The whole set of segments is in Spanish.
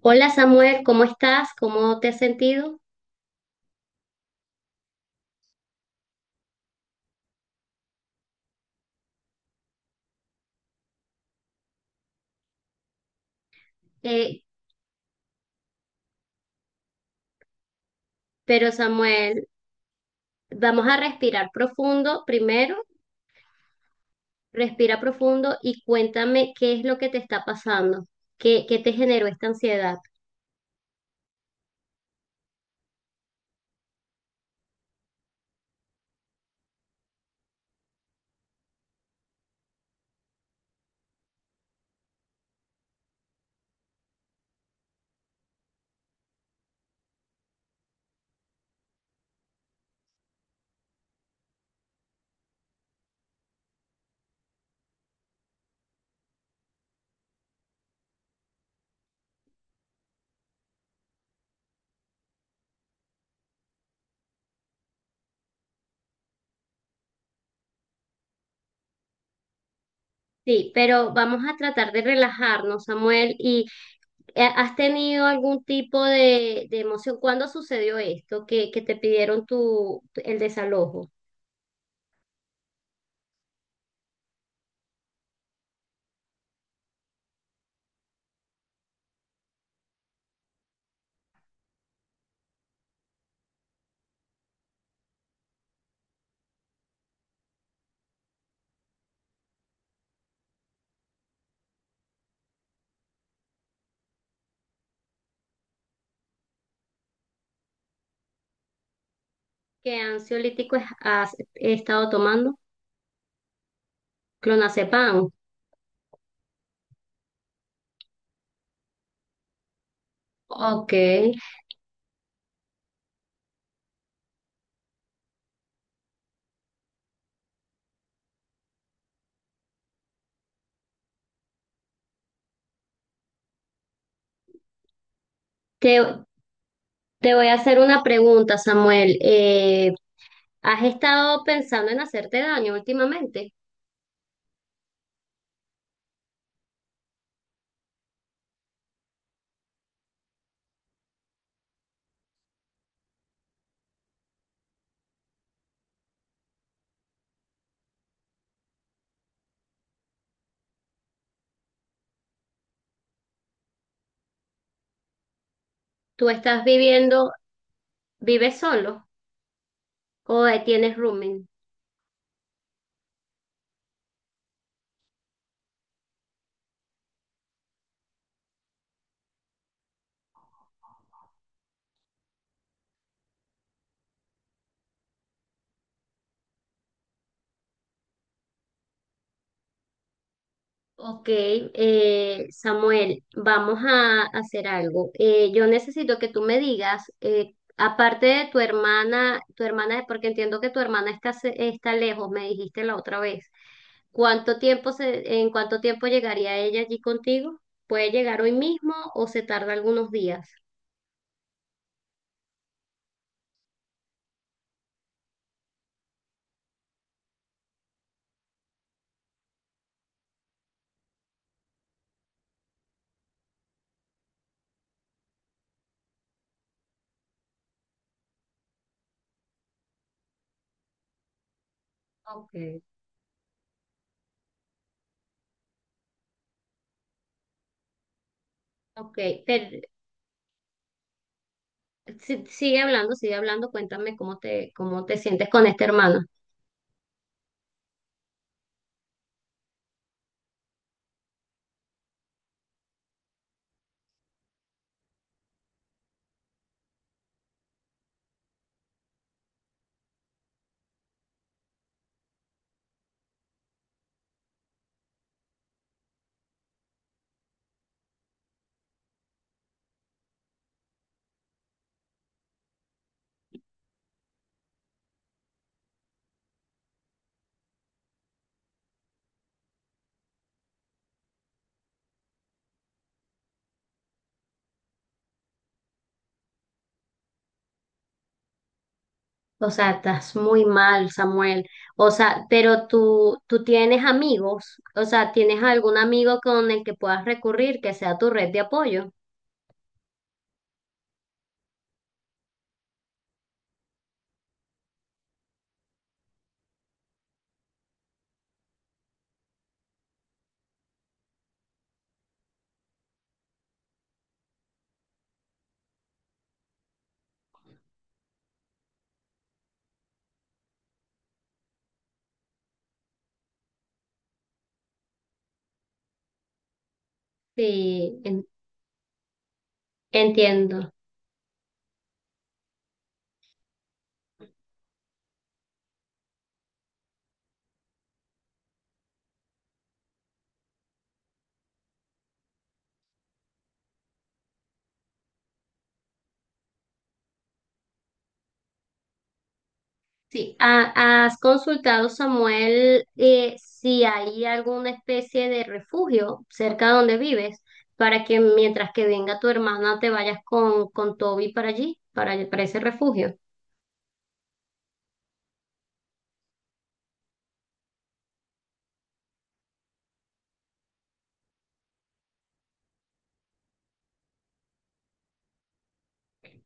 Hola Samuel, ¿cómo estás? ¿Cómo te has sentido? Eh, pero Samuel, vamos a respirar profundo primero, respira profundo y cuéntame qué es lo que te está pasando, qué te generó esta ansiedad. Sí, pero vamos a tratar de relajarnos, Samuel, y ¿has tenido algún tipo de emoción? ¿Cuándo sucedió esto? Que te pidieron tu, el desalojo. ¿Qué ansiolítico has estado tomando? Clonazepam. Ok. ¿Te, Te voy a hacer una pregunta, Samuel. ¿Has estado pensando en hacerte daño últimamente? ¿Tú estás viviendo, ¿Vives solo o tienes rooming? Ok, Samuel, vamos a hacer algo. Yo necesito que tú me digas, aparte de tu hermana, porque entiendo que tu hermana está lejos, me dijiste la otra vez. ¿En cuánto tiempo llegaría ella allí contigo? ¿Puede llegar hoy mismo o se tarda algunos días? Ok, ok, pero sigue hablando, sigue hablando. Cuéntame cómo te sientes con este hermano. O sea, estás muy mal, Samuel. O sea, pero tú tienes amigos. O sea, ¿tienes algún amigo con el que puedas recurrir que sea tu red de apoyo? Sí, en- Entiendo. Sí, ¿has consultado, Samuel, si hay alguna especie de refugio cerca donde vives para que mientras que venga tu hermana te vayas con Toby para allí, para ese refugio?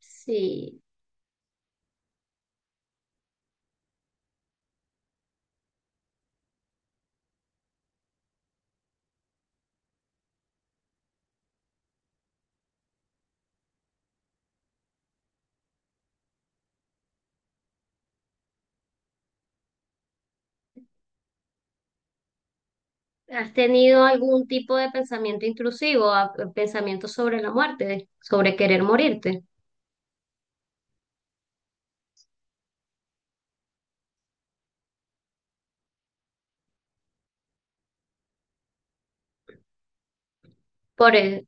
Sí, ¿has tenido algún tipo de pensamiento intrusivo, pensamiento sobre la muerte, sobre querer morirte? Por, e,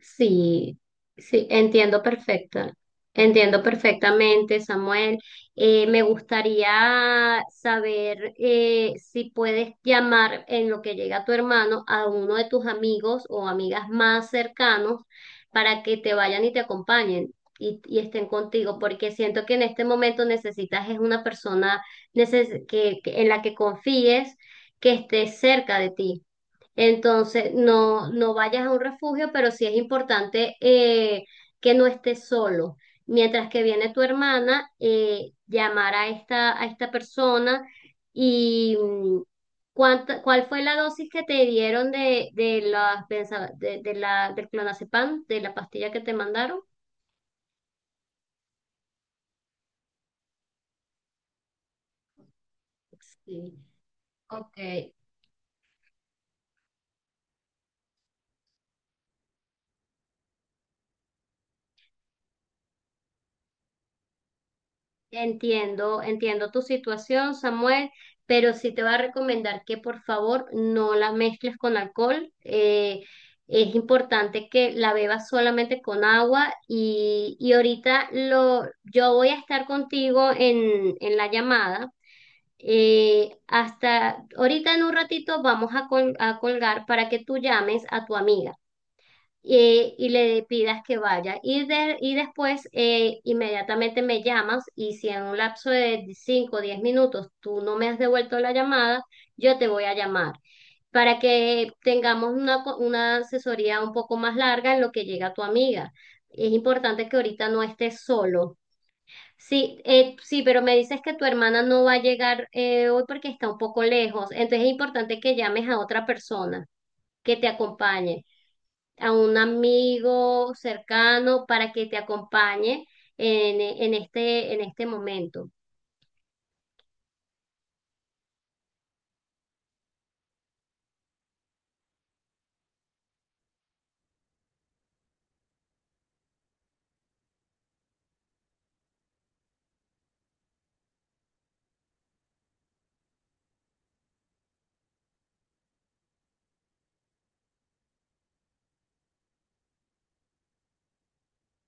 Sí, sí, entiendo perfectamente, Samuel. Me gustaría saber si puedes llamar en lo que llega tu hermano a uno de tus amigos o amigas más cercanos para que te vayan y te acompañen y estén contigo, porque siento que en este momento necesitas es una persona que, en la que confíes, que esté cerca de ti. Entonces, no, no vayas a un refugio, pero sí es importante que no estés solo. Mientras que viene tu hermana, llamar a esta persona y ¿cuál fue la dosis que te dieron las de la, del clonazepam, de la pastilla que te mandaron? Sí, ok. Entiendo, entiendo tu situación, Samuel, pero sí te voy a recomendar que por favor no la mezcles con alcohol. Es importante que la bebas solamente con agua y ahorita lo, yo voy a estar contigo en la llamada. Hasta ahorita en un ratito vamos a colgar para que tú llames a tu amiga y le pidas que vaya. Y después inmediatamente me llamas y si en un lapso de 5 o 10 minutos tú no me has devuelto la llamada, yo te voy a llamar para que tengamos una asesoría un poco más larga en lo que llega tu amiga. Es importante que ahorita no estés solo. Sí, sí, pero me dices que tu hermana no va a llegar hoy porque está un poco lejos. Entonces es importante que llames a otra persona que te acompañe, a un amigo cercano para que te acompañe en este momento.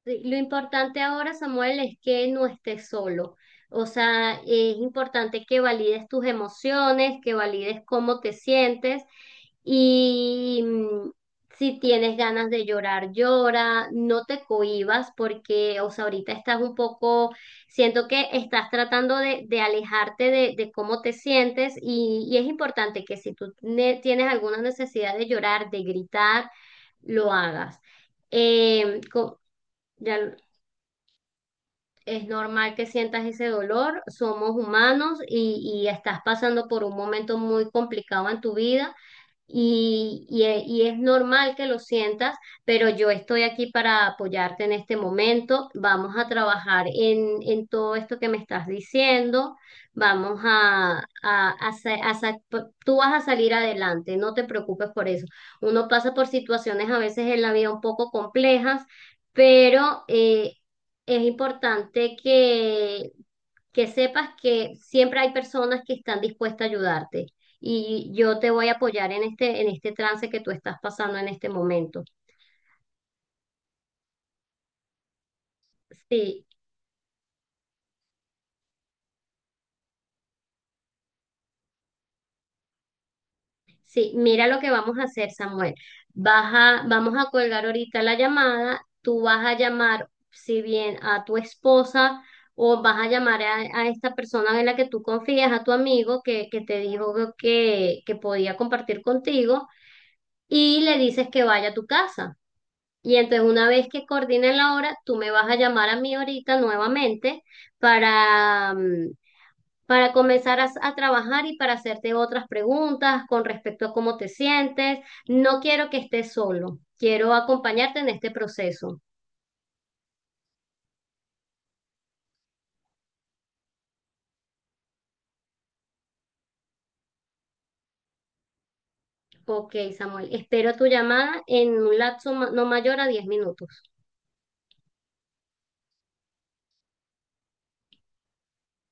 Sí, lo importante ahora, Samuel, es que no estés solo. O sea, es importante que valides tus emociones, que valides cómo te sientes y si tienes ganas de llorar, llora, no te cohibas porque, o sea, ahorita estás un poco, siento que estás tratando de alejarte de cómo te sientes y es importante que si tú tienes alguna necesidad de llorar, de gritar, lo hagas. Em, co- ya es normal que sientas ese dolor, somos humanos y estás pasando por un momento muy complicado en tu vida y, y es normal que lo sientas, pero yo estoy aquí para apoyarte en este momento. Vamos a trabajar en todo esto que me estás diciendo. Vamos a sa- Tú vas a salir adelante, no te preocupes por eso. Uno pasa por situaciones a veces en la vida un poco complejas, pero es importante que sepas que siempre hay personas que están dispuestas a ayudarte y yo te voy a apoyar en este trance que tú estás pasando en este momento. Sí, sí, mira lo que vamos a hacer, Samuel. Vamos a colgar ahorita la llamada, tú vas a llamar, si bien a tu esposa o vas a llamar a esta persona en la que tú confías, a tu amigo que te dijo que podía compartir contigo y le dices que vaya a tu casa. Y entonces una vez que coordinen la hora, tú me vas a llamar a mí ahorita nuevamente para, mm, para comenzar a, trabajar y para hacerte otras preguntas con respecto a cómo te sientes. No quiero que estés solo, quiero acompañarte en este proceso. Ok, Samuel, espero tu llamada en un lapso no mayor a 10 minutos.